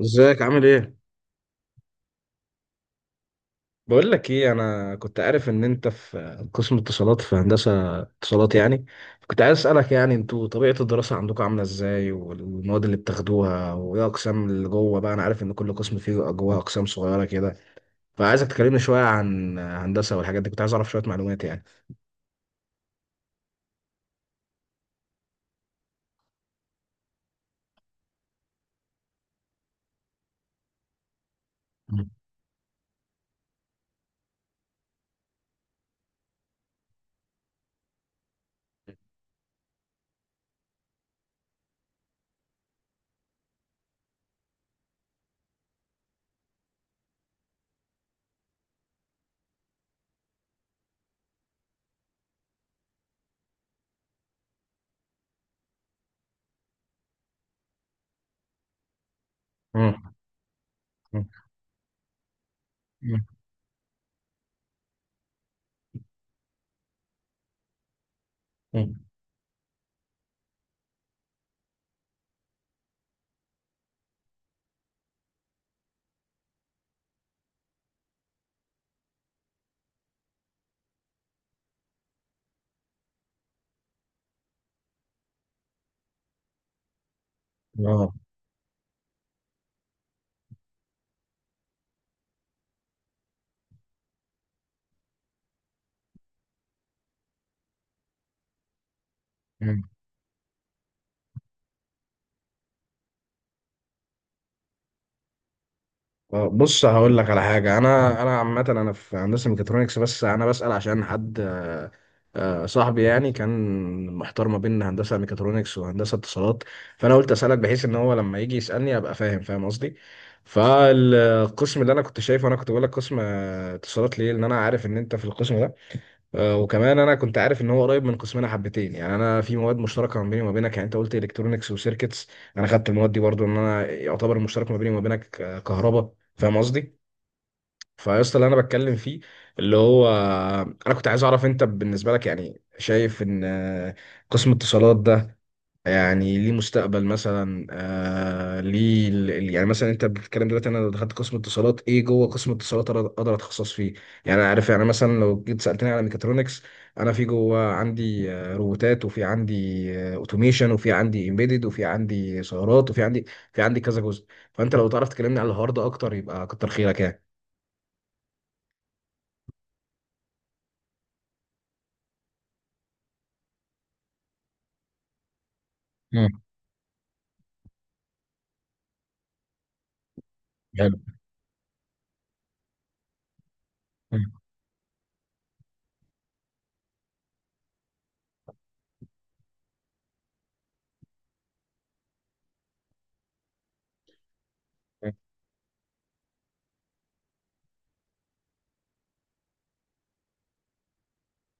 ازيك عامل ايه؟ بقول لك ايه، انا كنت عارف ان انت في قسم اتصالات، في هندسة اتصالات يعني. كنت عايز اسألك يعني انتوا طبيعة الدراسة عندكم عاملة ازاي، والمواد اللي بتاخدوها، وايه اقسام اللي جوه بقى. انا عارف ان كل قسم فيه جواه اقسام صغيرة كده، فعايزك تكلمني شوية عن هندسة والحاجات دي. كنت عايز اعرف شوية معلومات يعني. مم. مم. مم. مم. اه. بص، هقول لك على حاجه. انا عامه انا في هندسه ميكاترونكس، بس انا بسال عشان حد، صاحبي يعني كان محتار ما بين هندسه ميكاترونكس وهندسه اتصالات. فانا قلت اسالك بحيث ان هو لما يجي يسالني ابقى فاهم، قصدي. فالقسم اللي انا كنت شايفه، انا كنت بقول لك قسم اتصالات ليه، لان انا عارف ان انت في القسم ده. وكمان انا كنت عارف ان هو قريب من قسمنا حبتين، يعني انا في مواد مشتركه ما بيني وما بينك. يعني انت قلت الكترونكس وسيركتس، انا خدت المواد دي برضو. ان انا يعتبر المشترك ما بيني وما بينك كهرباء، فاهم قصدي؟ فيا اسطى، اللي انا بتكلم فيه اللي هو، انا كنت عايز اعرف انت بالنسبه لك يعني شايف ان، قسم اتصالات ده يعني ليه مستقبل مثلا؟ آه ليه يعني مثلا انت بتتكلم دلوقتي، انا لو دخلت قسم اتصالات، ايه جوه قسم اتصالات أقدر اتخصص فيه؟ يعني انا عارف، يعني مثلا لو جيت سالتني على ميكاترونكس، انا في جوه عندي روبوتات، وفي عندي اوتوميشن، وفي عندي امبيدد، وفي عندي سيارات، وفي عندي في عندي كذا جزء. فانت لو تعرف تكلمني على الحوار ده اكتر يبقى كتر خيرك يعني. مم. حلو. مم.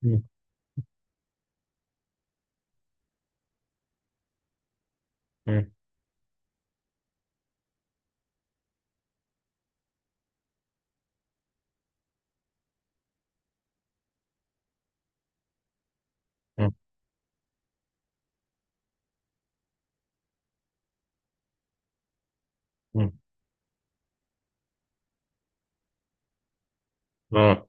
مم. مم. مم. مم. اه.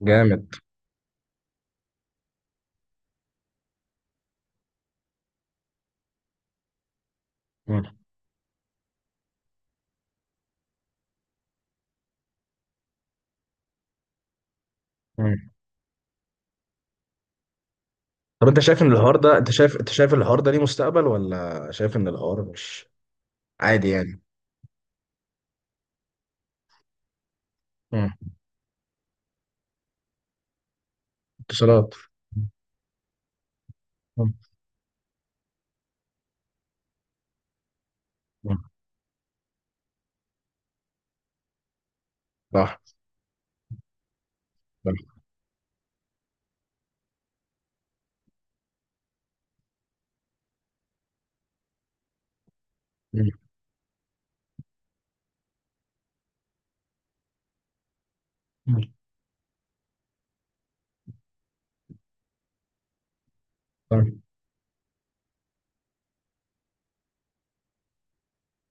جامد. مم. طب انت شايف ان الحوار ده، انت شايف الحوار ده ليه مستقبل؟ ولا شايف ان الحوار مش عادي يعني؟ مم. اتصالات. مم. مم. صح. صح. مم. مم. صح.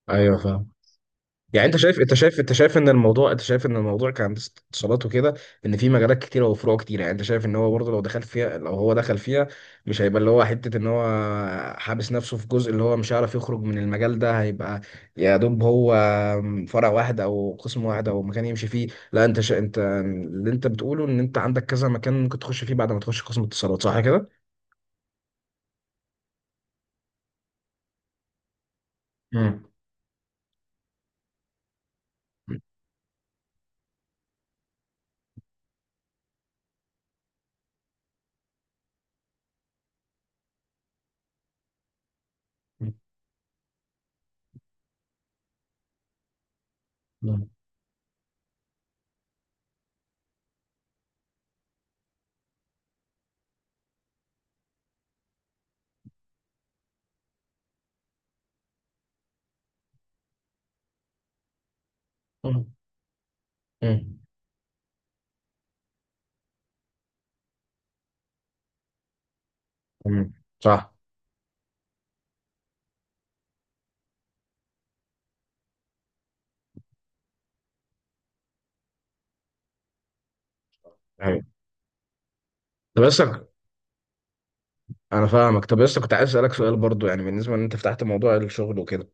ايوه فاهم. يعني انت شايف ان الموضوع، انت شايف ان الموضوع كهندسه اتصالات وكده، ان في مجالات كتيره وفروع كتيره، يعني انت شايف ان هو برضه لو دخل فيها، مش هيبقى اللي هو حته ان هو حابس نفسه في جزء، اللي هو مش هيعرف يخرج من المجال ده، هيبقى يا دوب هو فرع واحد او قسم واحد او مكان يمشي فيه؟ لا، انت اللي انت بتقوله ان انت عندك كذا مكان ممكن تخش فيه بعد ما تخش قسم اتصالات، صح كده؟ مم. مم. مم. مم. صح. أيوة. طب بس، انا فاهمك. طب بس كنت عايز اسالك سؤال برضو، يعني بالنسبه ان انت فتحت موضوع الشغل وكده،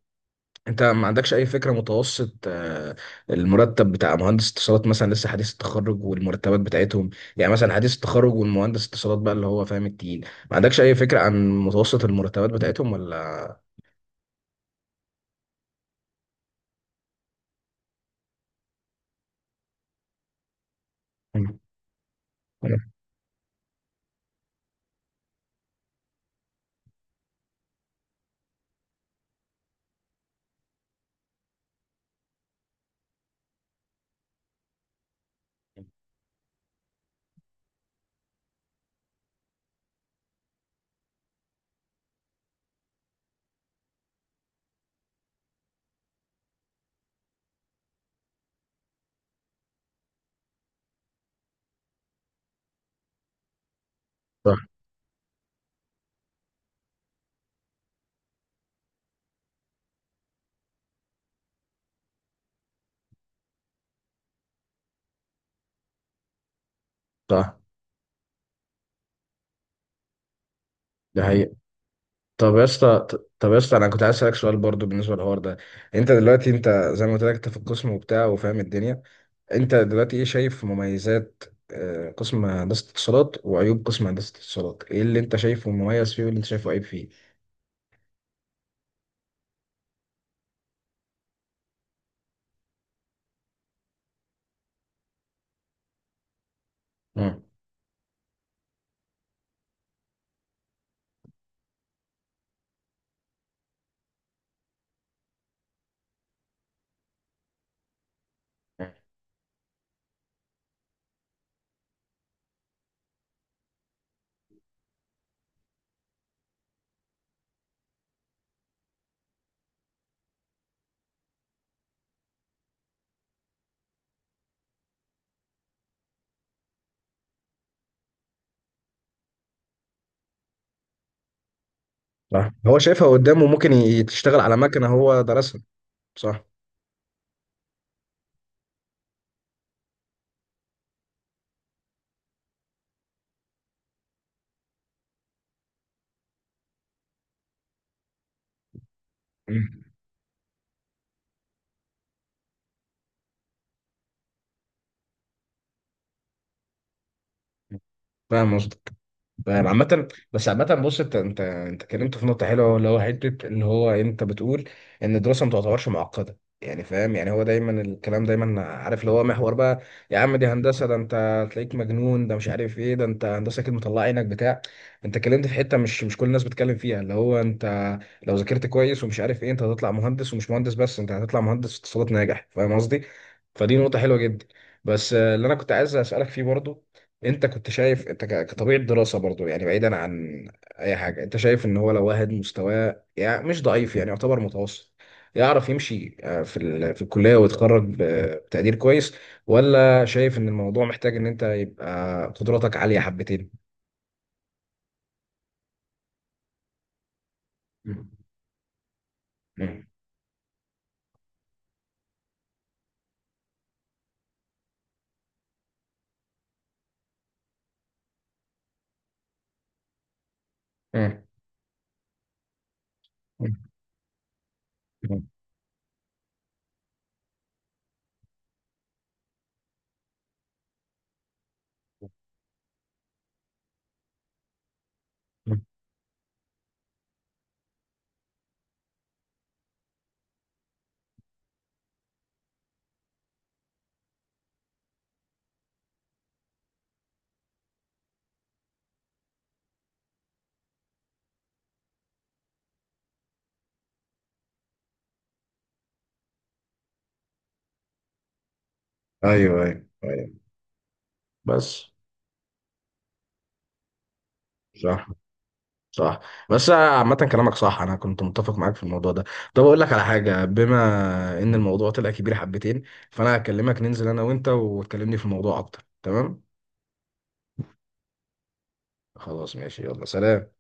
انت ما عندكش اي فكره متوسط، المرتب بتاع مهندس اتصالات مثلا لسه حديث التخرج والمرتبات بتاعتهم؟ يعني مثلا حديث التخرج، والمهندس اتصالات بقى اللي هو فاهم التقيل. ما عندكش اي فكره عن متوسط المرتبات بتاعتهم ولا؟ مم. صح. صح. ده حقيقي. طب يا اسطى، انا كنت عايز اسالك سؤال برضو بالنسبه للحوار ده. انت دلوقتي، انت زي ما قلت لك انت في القسم وبتاع وفاهم الدنيا، انت دلوقتي ايه شايف مميزات قسم هندسة اتصالات وعيوب قسم هندسة اتصالات؟ ايه اللي انت شايفه مميز فيه واللي انت شايفه عيب فيه؟ مم. صح، هو شايفها قدامه، ممكن تشتغل على مكنة هو درسها. صح. مم. فاهم قصدك. فاهم عامة. بس عامة بص، انت اتكلمت في نقطة حلوة، اللي هو حتة ان هو انت بتقول ان الدراسة ما تعتبرش معقدة، يعني فاهم. يعني هو دايما الكلام دايما عارف اللي هو محور بقى، يا عم دي هندسة، ده انت تلاقيك مجنون، ده مش عارف ايه، ده انت هندسة كده مطلع عينك بتاع. انت اتكلمت في حتة مش كل الناس بتتكلم فيها، اللي هو انت لو ذاكرت كويس ومش عارف ايه، انت هتطلع مهندس، ومش مهندس بس، انت هتطلع مهندس اتصالات ناجح، فاهم قصدي؟ فدي نقطة حلوة جدا. بس اللي انا كنت عايز اسألك فيه برضو، انت كنت شايف انت كطبيعة دراسة برضو، يعني بعيدا عن اي حاجة، انت شايف ان هو لو واحد مستواه يعني مش ضعيف، يعني يعتبر متوسط، يعرف يمشي في الكلية، ويتخرج بتقدير كويس؟ ولا شايف ان الموضوع محتاج ان انت يبقى قدراتك عالية حبتين؟ مم. مم. مم. مم. مم. ايوه، ايوه، ايوه. بس صح. صح. بس عامة كلامك صح، أنا كنت متفق معاك في الموضوع ده. طب أقول لك على حاجة، بما إن الموضوع طلع كبير حبتين، فأنا هكلمك ننزل أنا وأنت وتكلمني في الموضوع أكتر، تمام؟ خلاص ماشي، يلا سلام.